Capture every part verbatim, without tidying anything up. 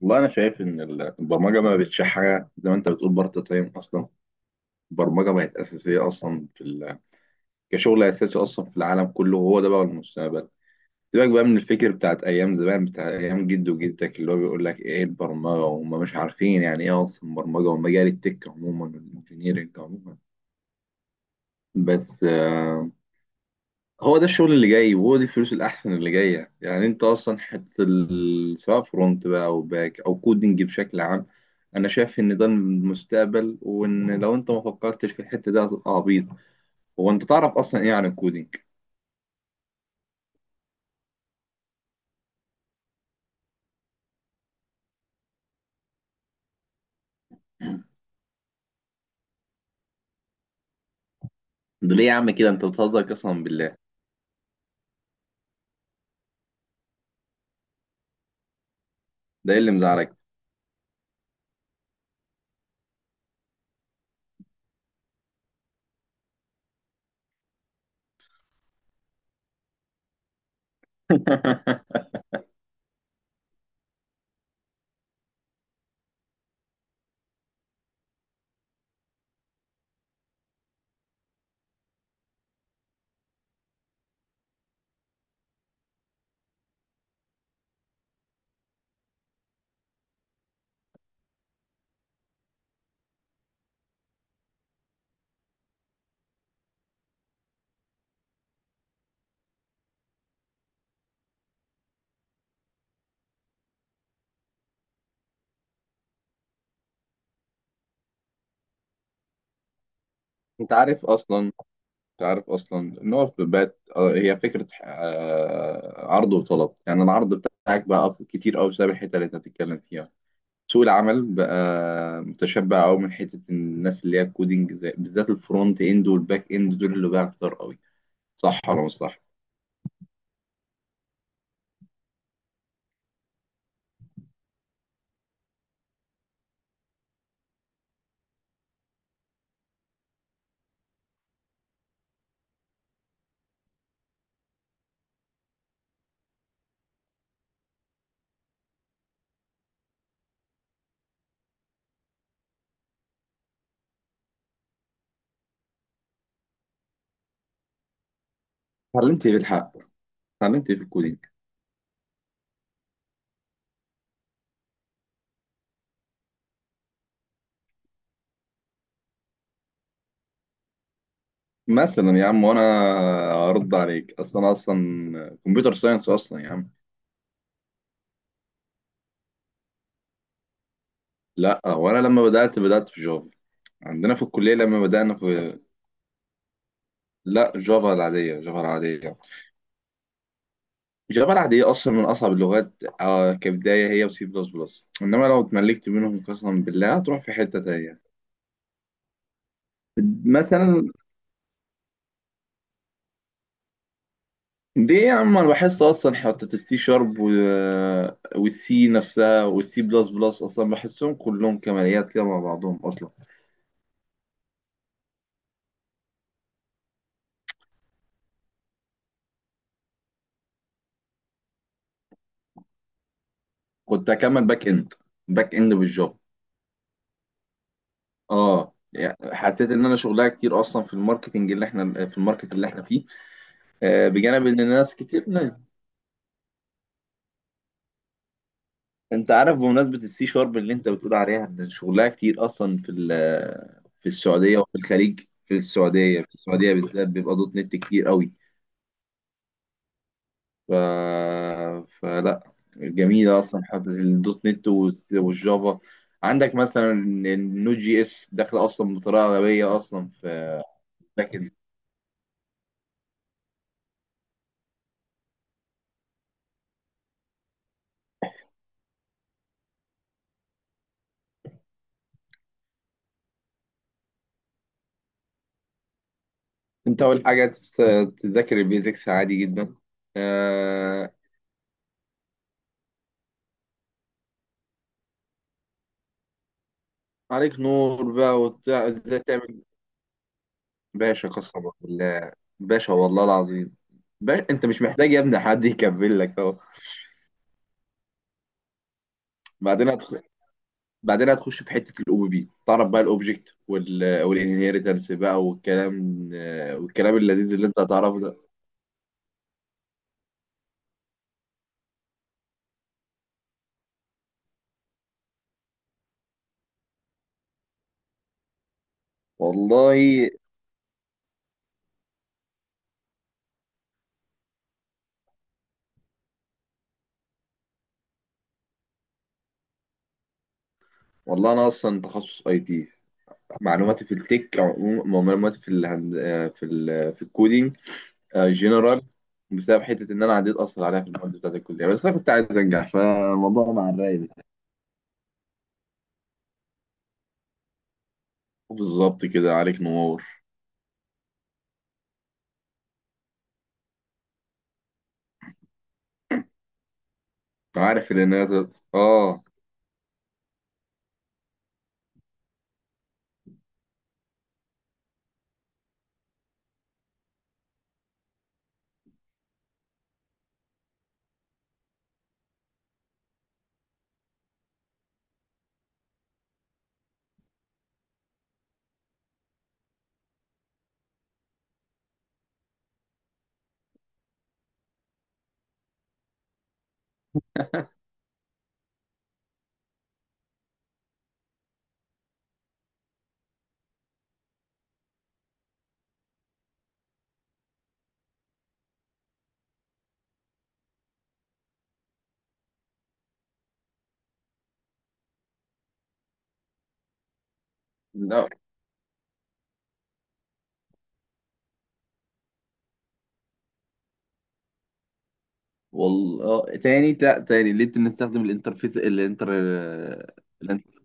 والله انا شايف ان ال- البرمجه ما بقتش حاجه زي ما انت بتقول بارت تايم اصلا. البرمجه بقت اساسيه اصلا في ال... كشغل اساسي اصلا في العالم كله، وهو ده بقى المستقبل. سيبك بقى من الفكر بتاعت ايام زمان، بتاع ايام جد وجدتك، اللي هو بيقول لك ايه البرمجه وهم مش عارفين يعني ايه اصلا برمجه، ومجال التك عموما والانجينيرنج عموما. بس آه، هو ده الشغل اللي جاي، وهو دي الفلوس الأحسن اللي جاية. يعني أنت أصلا حتة ال- سواء فرونت بقى أو باك أو كودنج بشكل عام، أنا شايف إن ده المستقبل، وإن لو أنت ما فكرتش في الحتة دي هتبقى عبيط. هو أنت تعرف أصلا إيه عن الكودنج؟ ده ليه يا عم كده أنت بتهزر؟ قسما بالله، ده إيه اللي مزعلك؟ أنت عارف أصلا أنت عارف أصلا إن هو في البات آه، هي فكرة آه، عرض وطلب. يعني العرض بتاعك بقى أف- كتير أوي بسبب الحتة اللي أنت بتتكلم فيها. سوق العمل بقى متشبع قوي من حته الناس اللي هي الكودينج، زي بالذات الفرونت اند والباك اند، دول اللي بقى كتار قوي. صح ولا مش صح؟ اتعلمت ايه بالحق؟ اتعلمت ايه في الكودينج؟ مثلا يا عم، وانا ارد عليك اصلا، انا اصلا كمبيوتر ساينس اصلا يا عم. لا، وانا لما بدات بدات في جافا، عندنا في الكليه لما بدانا في... لا، جافا العاديه. جافا العاديه جافا العاديه اصلا من اصعب اللغات، آه، كبدايه هي وسي بلس بلس، انما لو اتملكت منهم قسما بالله هتروح في حته تانيه. مثلا ليه يا عم، انا بحس اصلا حتة السي شارب و... والسي نفسها والسي بلس بلس اصلا، بحسهم كلهم كماليات كده مع بعضهم اصلا. كنت اكمل باك اند باك اند بالجافا. اه، يعني حسيت ان انا شغلها كتير اصلا في الماركتنج اللي احنا في الماركت اللي احنا فيه. آه، بجانب ان الناس كتير ناس. انت عارف، بمناسبة السي شارب اللي انت بتقول عليها ان شغلها كتير اصلا في ال- في السعودية وفي الخليج. في السعودية في السعودية بالذات بيبقى دوت نت كتير قوي. ف... فلا، جميلة أصلا حتة الدوت نت والس- والجافا. عندك مثلا النود جي اس داخلة أصلا بطريقة غبية أصلا في لكن... أنت أول حاجة تس- تذاكر البيزكس عادي جدا. آه... عليك نور بقى، وبتاع ازاي تعمل. باشا، قسما بالله. باشا، والله العظيم. باشا، انت مش محتاج يا ابني حد يكمل لك، اهو. بعدين هتخ... بعدين هتخش في حته الاو بي بي. تعرف بقى الاوبجكت وال والانهيرتنس بقى، والكلام آه، والكلام اللذيذ اللي انت هتعرفه ده. والله، والله انا اصلا تخصص اي تي. معلوماتي في التك عموما- معلوماتي في الهند آه، في ال في الكودينج جنرال، بسبب حته ان انا عديت اصلا عليها في المواد بتاعت الكليه، بس انا كنت عايز انجح فالموضوع مع الراي بتاعي. بالظبط كده، عليك نور. عارف ان انا، اه، لا. والله تاني، لا تاني، ليه بنستخدم الانترفيس؟ الانتر الانت-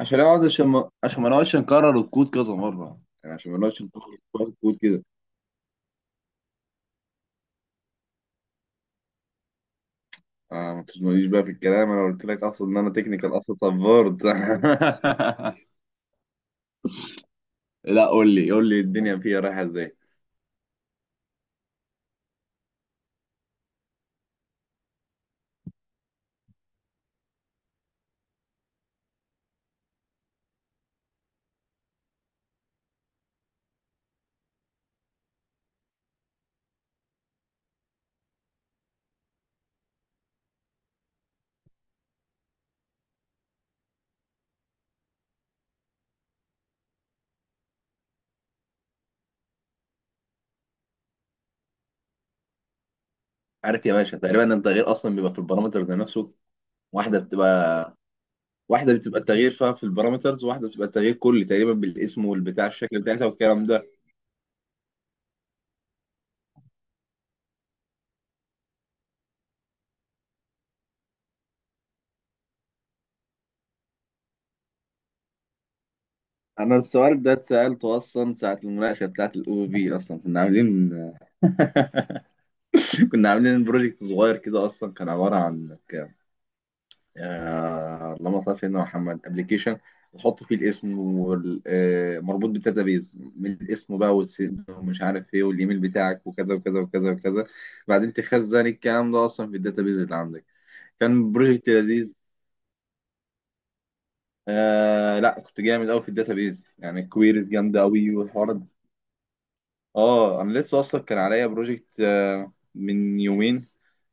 عشان اقعد عشان ما عشان ما نقعدش نكرر الكود كذا مره، يعني عشان ما نقعدش نكرر الكود كده. آه، ما تزنونيش بقى في الكلام، انا قلت لك اصلا ان انا تكنيكال اصلا، صبرت لا، قول لي قول لي الدنيا فيها رايحه ازاي. عارف يا باشا تقريبا إن التغيير اصلا بيبقى في البارامترز نفسه. واحده بتبقى واحده بتبقى التغيير فيها في البارامترز، وواحده بتبقى التغيير كلي تقريبا، بالاسم والبتاع الشكل بتاعتها والكلام ده. انا السؤال ده اتسالته اصلا ساعه المناقشه بتاعه الاو بي، اصلا كنا عاملين كنا عاملين بروجكت صغير كده، اصلا كان عباره عن ك- آه، اللهم صل على سيدنا محمد، ابلكيشن نحط فيه الاسم، والمربوط بالداتابيز من الاسم بقى، والسن، ومش عارف ايه، والايميل بتاعك، وكذا وكذا وكذا وكذا. بعدين تخزن الكلام ده اصلا في الداتابيز اللي عندك. كان بروجكت لذيذ. آه لا، كنت جامد قوي في الداتابيز، يعني كويريز جامده قوي والحوارات. اه، انا لسه اصلا كان عليا بروجكت من يومين.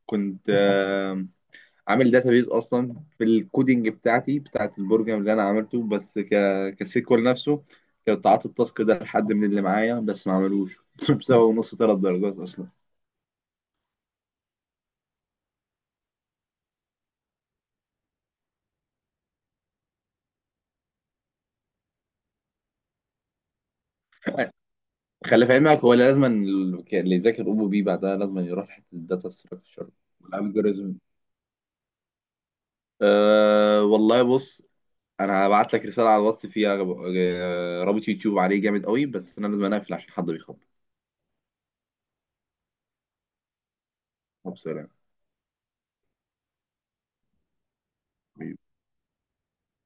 كنت آه، عامل داتابيز اصلا في الكودينج بتاعتي بتاعت البروجرام اللي انا عملته، بس ك كسيكوال نفسه. كنت قعدت التاسك ده لحد من اللي معايا بس ما عملوش بسبب ونص ثلاث درجات اصلا. خلي في علمك، هو لازم ال- اللي يذاكر او بي بعدها لازم يروح حته الداتا ستراكشر والالجوريزم. أه والله بص، انا هبعت لك رساله على الواتس فيها آه، رابط يوتيوب عليه جامد قوي، بس انا لازم اقفل عشان حد بيخبط، وبسلام.